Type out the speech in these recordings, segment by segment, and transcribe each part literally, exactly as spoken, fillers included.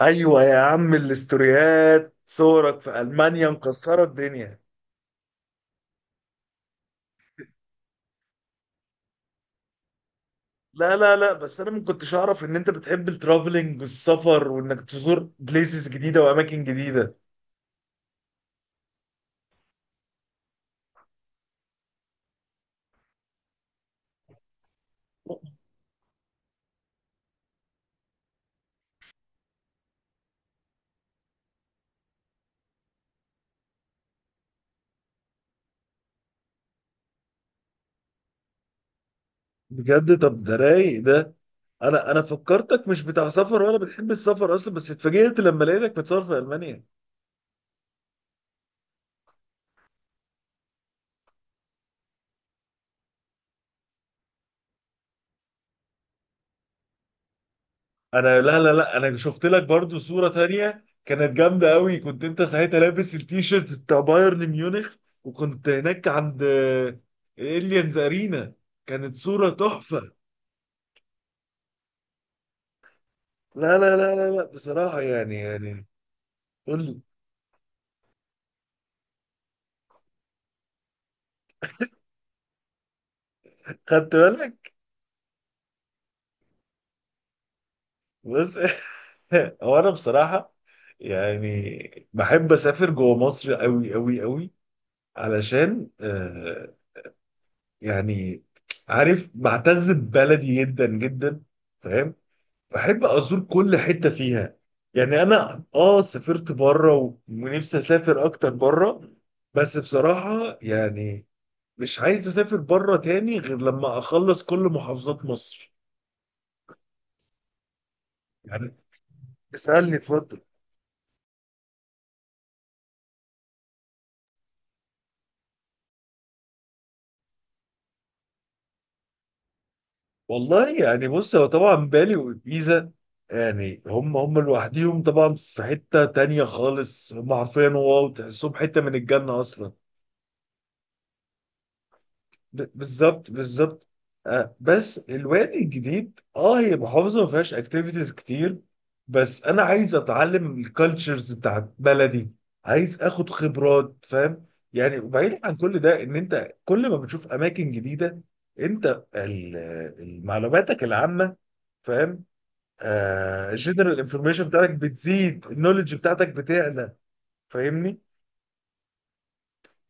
ايوه يا عم، الاستوريات صورك في المانيا مكسره الدنيا. لا لا لا، بس انا ما كنتش اعرف ان انت بتحب الترافلنج والسفر، وانك تزور بليسز جديده واماكن جديده. بجد؟ طب ده رايق ده. انا انا فكرتك مش بتاع سفر ولا بتحب السفر اصلا، بس اتفاجئت لما لقيتك بتسافر في المانيا. انا لا لا لا، انا شفت لك برضو صورة تانية كانت جامدة قوي، كنت انت ساعتها لابس التيشيرت بتاع بايرن ميونخ، وكنت هناك عند اليانز ارينا. كانت صورة تحفة. لا لا لا لا لا، بصراحة. يعني يعني قول لي. خدت بالك؟ بس. هو انا بصراحة، يعني بحب اسافر جوه مصر قوي قوي قوي. علشان آه يعني عارف بعتز ببلدي جدا جدا، فاهم؟ بحب ازور كل حته فيها. يعني انا اه سافرت بره و- ونفسي اسافر اكتر بره. بس بصراحه يعني، مش عايز اسافر بره تاني غير لما اخلص كل محافظات مصر. يعني اسالني، اتفضل. والله يعني بص، هو طبعا بالي وجيزه. يعني هم هم لوحديهم، طبعا في حته تانيه خالص، هم عارفين، واو تحسهم حته من الجنه اصلا. ب- بالظبط بالظبط. آه، بس الوادي الجديد، اه هي محافظه ما فيهاش اكتيفيتيز كتير. بس انا عايز اتعلم الكالتشرز بتاعت بلدي. عايز اخد خبرات، فاهم؟ يعني وبعيد عن كل ده، ان انت كل ما بتشوف اماكن جديده، انت ال- معلوماتك العامه، فاهم؟ الجنرال انفورميشن بتاعتك بتزيد، النولج بتاعتك بتعلى، فاهمني؟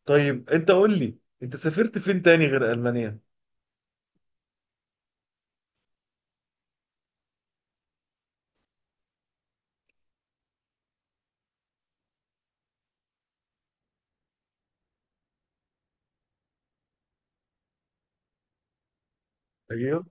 طيب انت قول لي، انت سافرت فين تاني غير المانيا؟ ايوه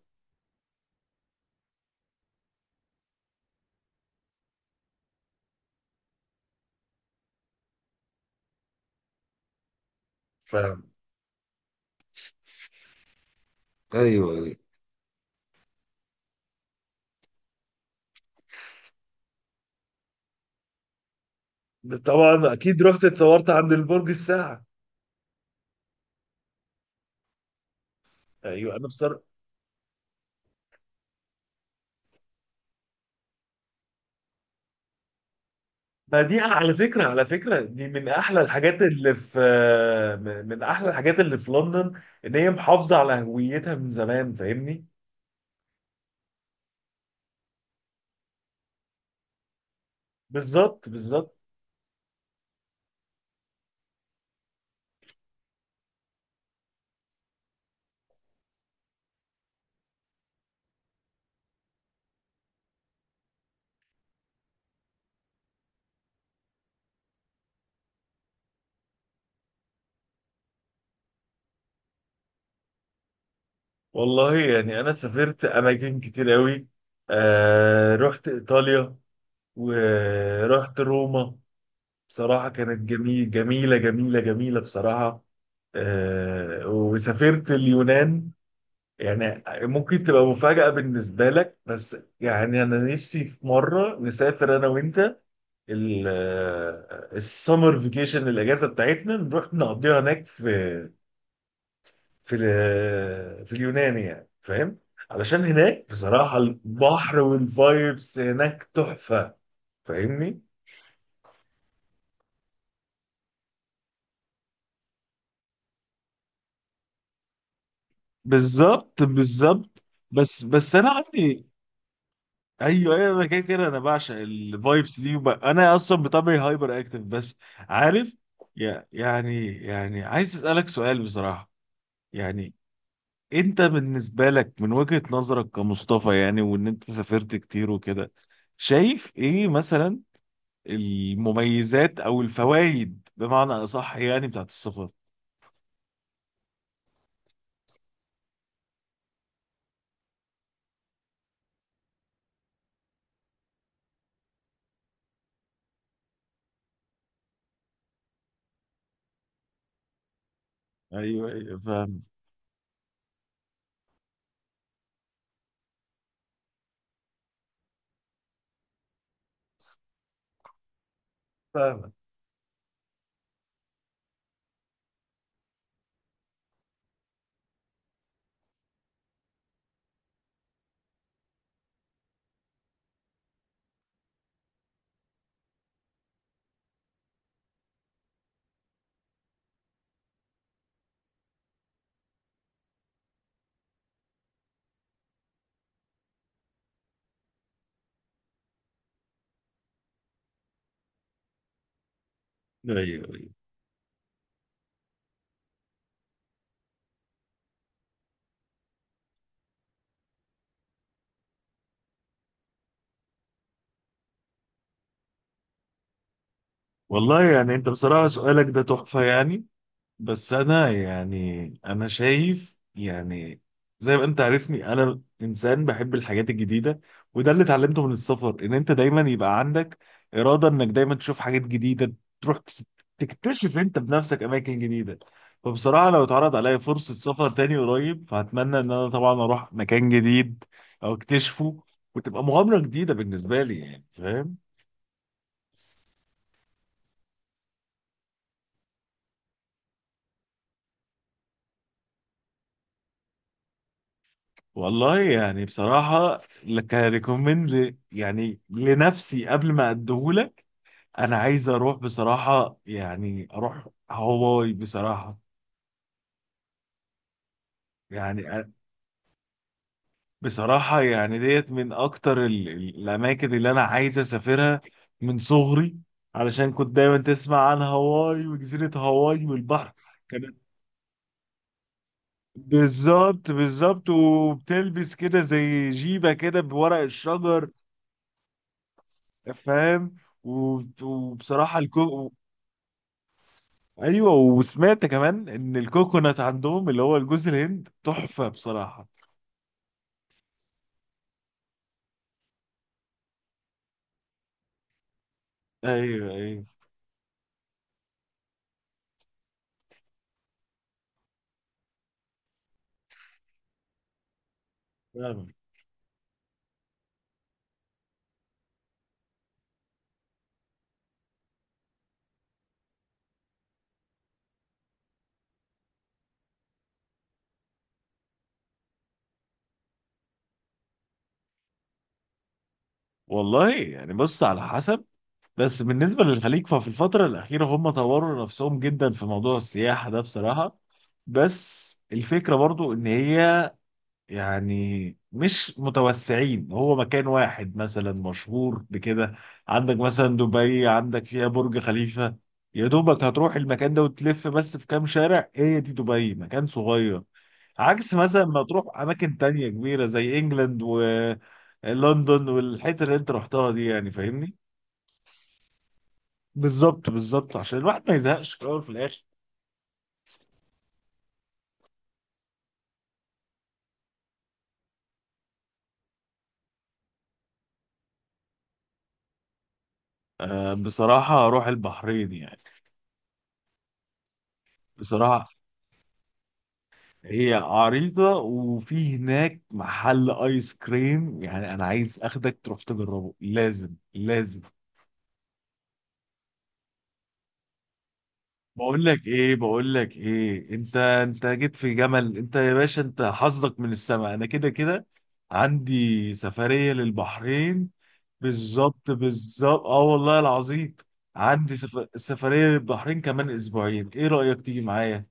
ايوه ايوه، طبعا اكيد رحت اتصورت عند البرج الساعه. ايوه، انا بصراحه. ما دي على فكره على فكره دي من احلى الحاجات اللي في، م- من احلى الحاجات اللي في لندن، ان هي محافظه على هويتها من زمان، فاهمني؟ بالظبط بالظبط. والله يعني انا سافرت اماكن كتير قوي. آه رحت ايطاليا، ورحت روما. بصراحه كانت جميل جميله جميله جميله بصراحه. آه وسافرت اليونان. يعني ممكن تبقى مفاجأة بالنسبة لك، بس يعني أنا نفسي في مرة نسافر أنا وأنت. ال- السمر فيكيشن، الأجازة بتاعتنا نروح نقضيها هناك في في ال- آه، في اليونان، يعني فاهم؟ علشان هناك بصراحة البحر والفايبس هناك تحفة. فاهمني؟ بالظبط بالظبط. بس بس انا عندي. ايوه ايوه، انا كده كده انا بعشق الفايبس دي وب... انا اصلا بطبعي هايبر اكتف، بس عارف. يع- يعني يعني عايز اسالك سؤال بصراحه. يعني انت بالنسبه لك، من وجهه نظرك كمصطفى يعني، وان انت سافرت كتير وكده، شايف ايه مثلا المميزات او الفوائد بمعنى اصح، يعني بتاعت السفر؟ ايوه ايوه فاهم، فاهم ايوه ايوه. والله يعني انت بصراحه سؤالك ده تحفه يعني. بس انا يعني انا شايف يعني، زي ما انت عارفني، انا انسان بحب الحاجات الجديده. وده اللي اتعلمته من السفر، ان انت دايما يبقى عندك اراده انك دايما تشوف حاجات جديده، تروح تك- تكتشف انت بنفسك اماكن جديده. فبصراحه لو اتعرض عليا فرصه سفر تاني قريب، فهتمنى ان انا طبعا اروح مكان جديد او اكتشفه، وتبقى مغامره جديده بالنسبه لي، يعني فاهم؟ والله يعني بصراحة، كريكومند يعني لنفسي قبل ما اديهولك، انا عايز اروح بصراحة، يعني اروح هواي بصراحة. يعني أ- بصراحة يعني ديت من اكتر ال- ال- الاماكن اللي انا عايز اسافرها من صغري. علشان كنت دايما تسمع عن هواي وجزيرة هواي والبحر. كانت بالظبط بالظبط، وبتلبس كده زي جيبة كده بورق الشجر. فاهم؟ وب- وبصراحة الكو ايوه، وسمعت كمان ان الكوكونات عندهم اللي هو الجوز الهند تحفة بصراحة. ايوه ايوه فعلا. والله يعني بص، على حسب. بس بالنسبة للخليج، ففي الفترة الأخيرة هم طوروا نفسهم جدا في موضوع السياحة ده بصراحة. بس الفكرة برضو ان هي، يعني مش متوسعين، هو مكان واحد مثلا مشهور بكده. عندك مثلا دبي، عندك فيها برج خليفة. يا دوبك هتروح المكان ده وتلف بس في كام شارع، هي دي دبي مكان صغير. عكس مثلا ما تروح أماكن تانية كبيرة زي إنجلاند ولندن والحتة اللي أنت رحتها دي، يعني فاهمني؟ بالظبط بالظبط، عشان الواحد ما يزهقش في الأول وفي الآخر. آه، بصراحة أروح البحرين يعني. بصراحة هي عريضة، وفي هناك محل ايس كريم، يعني انا عايز اخدك تروح تجربه، لازم لازم. بقول لك ايه، بقول لك ايه، انت انت جيت في جمل، انت يا باشا، انت حظك من السماء. انا كده كده عندي سفرية للبحرين. بالظبط بالظبط، اه والله العظيم. عندي سف... سفرية للبحرين كمان اسبوعين، ايه رأيك تيجي معايا؟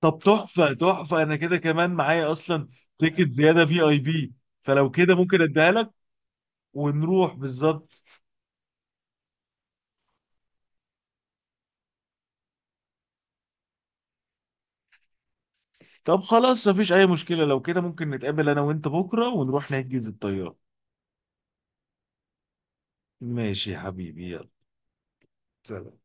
طب تحفة تحفة، أنا كده كمان معايا أصلا تيكت زيادة في أي بي. فلو كده ممكن أديها لك، ونروح بالظبط. طب خلاص، مفيش أي مشكلة. لو كده ممكن نتقابل أنا وأنت بكرة ونروح نحجز الطيارة. ماشي يا حبيبي، يلا. سلام.